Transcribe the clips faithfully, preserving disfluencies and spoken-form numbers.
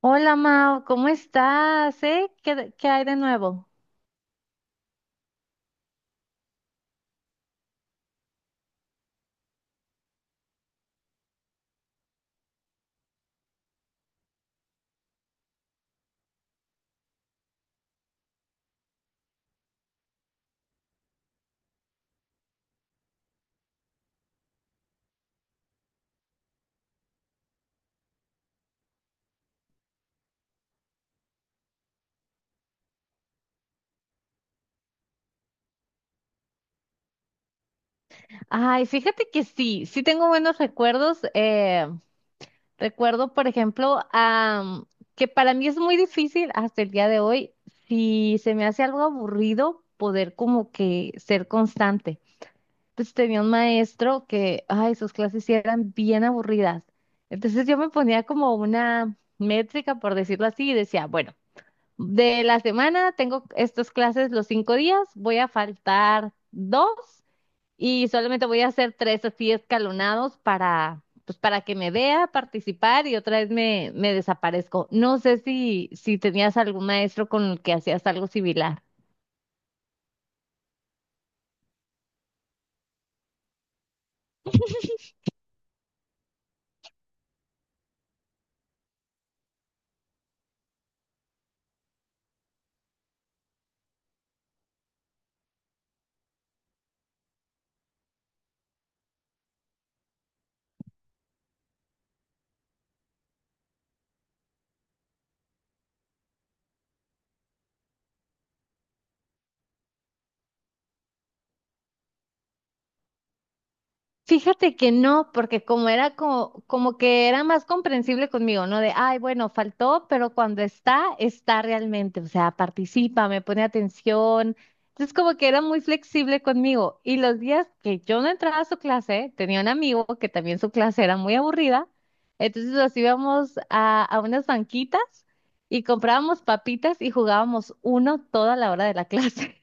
Hola Mao, ¿cómo estás? eh? ¿Qué, qué hay de nuevo? Ay, fíjate que sí, sí tengo buenos recuerdos. Eh, recuerdo, por ejemplo, am, que para mí es muy difícil hasta el día de hoy, si se me hace algo aburrido, poder como que ser constante. Entonces tenía un maestro que, ay, sus clases sí eran bien aburridas. Entonces yo me ponía como una métrica, por decirlo así, y decía, bueno. De la semana tengo estas clases los cinco días, voy a faltar dos y solamente voy a hacer tres así escalonados para, pues, para que me vea participar y otra vez me, me desaparezco. No sé si, si tenías algún maestro con el que hacías algo similar. Fíjate que no, porque como era como, como que era más comprensible conmigo, ¿no? De, ay, bueno, faltó, pero cuando está, está realmente, o sea, participa, me pone atención. Entonces, como que era muy flexible conmigo. Y los días que yo no entraba a su clase, tenía un amigo que también su clase era muy aburrida. Entonces, nos íbamos a, a unas banquitas y comprábamos papitas y jugábamos uno toda la hora de la clase.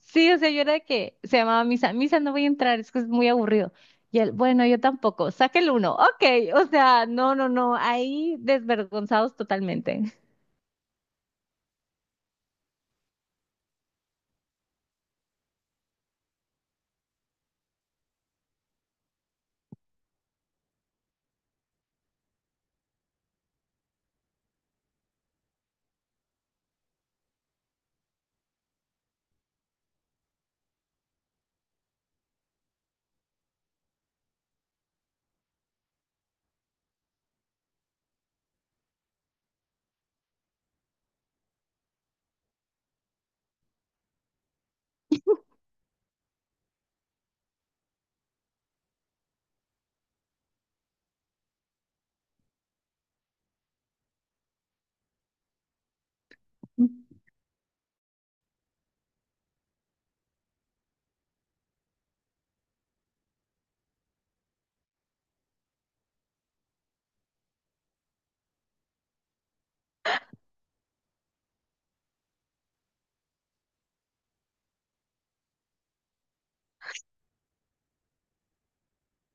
Sí, o sea, yo era de que se llamaba misa, misa no voy a entrar, es que es muy aburrido. Y él, bueno, yo tampoco, saque el uno, ok, o sea, no, no, no, ahí desvergonzados totalmente.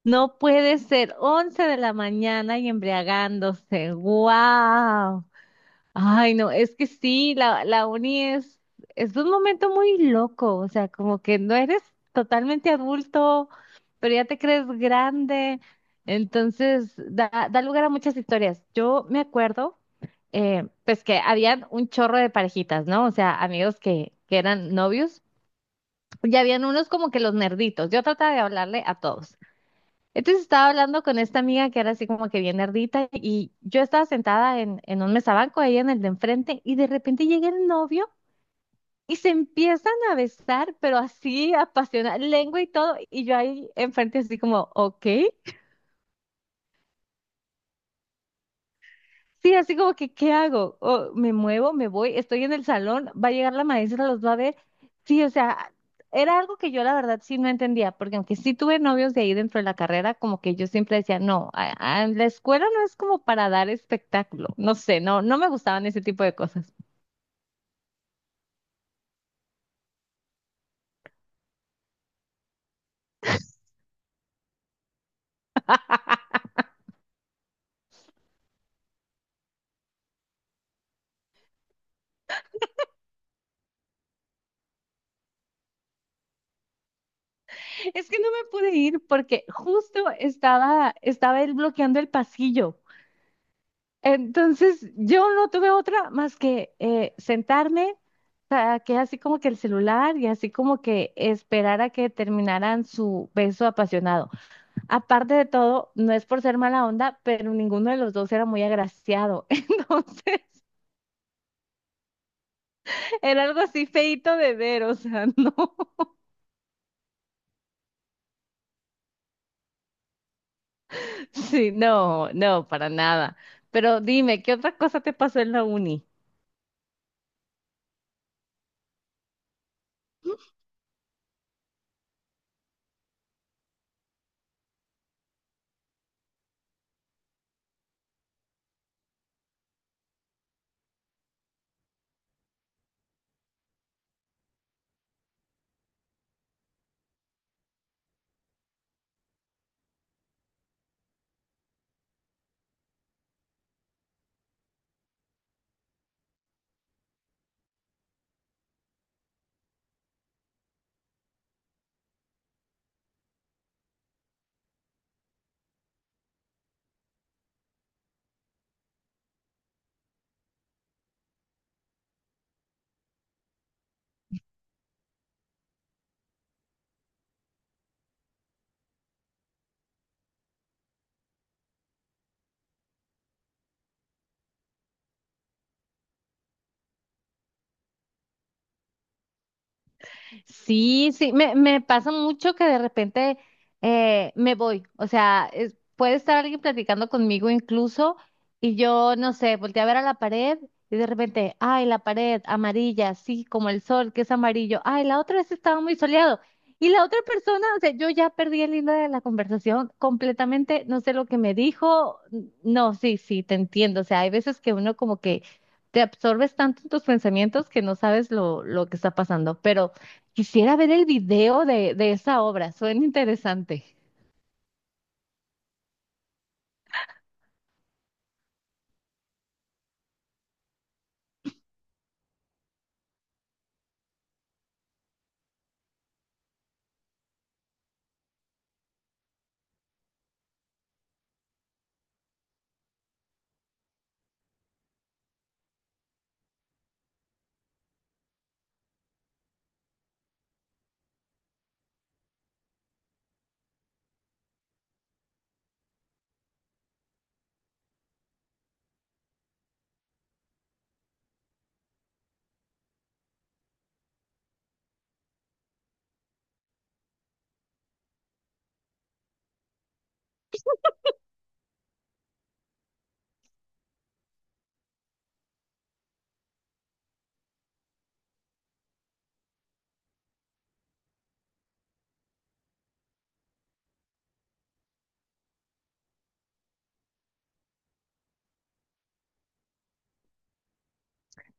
No puede ser, once de la mañana y embriagándose, wow. Ay, no, es que sí, la, la uni es, es un momento muy loco, o sea, como que no eres totalmente adulto, pero ya te crees grande, entonces da, da lugar a muchas historias. Yo me acuerdo, eh, pues que habían un chorro de parejitas, ¿no? O sea, amigos que, que eran novios, y habían unos como que los nerditos, yo trataba de hablarle a todos. Entonces estaba hablando con esta amiga que era así como que bien nerdita y yo estaba sentada en, en un mesabanco, ella en el de enfrente y de repente llega el novio y se empiezan a besar, pero así apasionada, lengua y todo, y yo ahí enfrente así como, ok. Sí, así como que, ¿qué hago? O, me muevo, me voy, estoy en el salón, va a llegar la maestra, los va a ver. Sí, o sea, era algo que yo la verdad sí no entendía, porque aunque sí tuve novios de ahí dentro de la carrera, como que yo siempre decía, no, a- a- la escuela no es como para dar espectáculo, no sé, no, no me gustaban ese tipo de cosas. Es que no me pude ir porque justo estaba, estaba él bloqueando el pasillo. Entonces yo no tuve otra más que eh, sentarme, saqué así como que el celular y así como que esperar a que terminaran su beso apasionado. Aparte de todo, no es por ser mala onda, pero ninguno de los dos era muy agraciado. Entonces era algo así feíto de ver, o sea, no, sí, no, no, para nada. Pero dime, ¿qué otra cosa te pasó en la uni? Sí, sí, me, me pasa mucho que de repente eh, me voy, o sea, es- puede estar alguien platicando conmigo incluso y yo, no sé, volteé a ver a la pared y de repente, ay, la pared amarilla, sí, como el sol, que es amarillo, ay, la otra vez estaba muy soleado y la otra persona, o sea, yo ya perdí el hilo de la conversación completamente, no sé lo que me dijo, n- no, sí, sí, te entiendo, o sea, hay veces que uno como que te absorbes tanto en tus pensamientos que no sabes lo, lo que está pasando, pero... Quisiera ver el video de, de esa obra, suena interesante.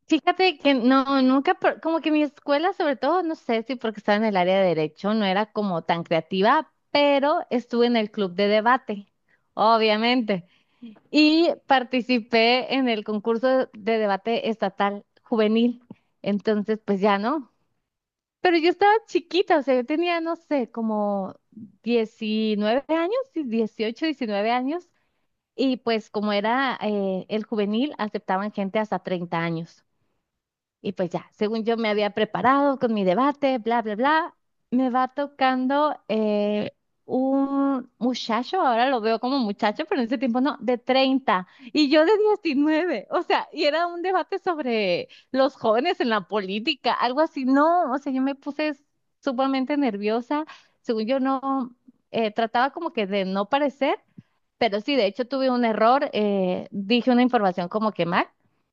Fíjate que no, nunca, por- como que mi escuela, sobre todo, no sé si porque estaba en el área de derecho, no era como tan creativa, pero estuve en el club de debate, obviamente, y participé en el concurso de debate estatal juvenil. Entonces, pues ya no. Pero yo estaba chiquita, o sea, yo tenía, no sé, como diecinueve años, sí, dieciocho diecinueve años. Y pues como era eh, el juvenil, aceptaban gente hasta treinta años. Y pues ya, según yo me había preparado con mi debate, bla, bla, bla, me va tocando eh, un muchacho, ahora lo veo como muchacho, pero en ese tiempo no, de treinta y yo de diecinueve. O sea, y era un debate sobre los jóvenes en la política, algo así. No, o sea, yo me puse sumamente nerviosa. Según yo no, eh, trataba como que de no parecer. Pero sí, de hecho tuve un error, eh, dije una información como que mal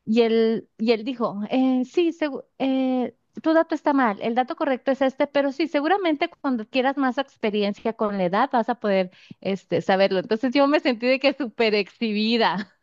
y él, y él dijo, eh, sí, segu- eh, tu dato está mal, el dato correcto es este, pero sí, seguramente cuando quieras más experiencia con la edad vas a poder este, saberlo. Entonces yo me sentí de que súper exhibida.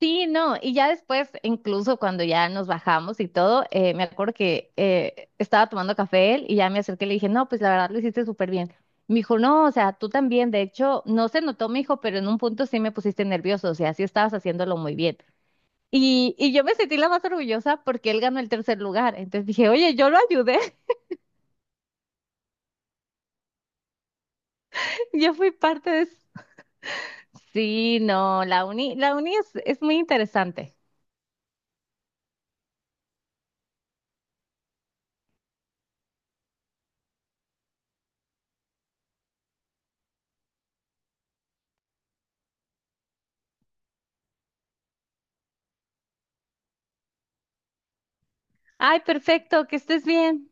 Sí, no, y ya después, incluso cuando ya nos bajamos y todo, eh, me acuerdo que eh, estaba tomando café él y ya me acerqué y le dije, no, pues la verdad lo hiciste súper bien. Me dijo, no, o sea, tú también, de hecho, no se notó, me dijo, pero en un punto sí me pusiste nervioso, o sea, sí estabas haciéndolo muy bien. Y, y yo me sentí la más orgullosa porque él ganó el tercer lugar, entonces dije, oye, yo lo ayudé, yo fui parte de eso. Sí, no, la uni, la uni es, es muy interesante. Ay, perfecto, que estés bien.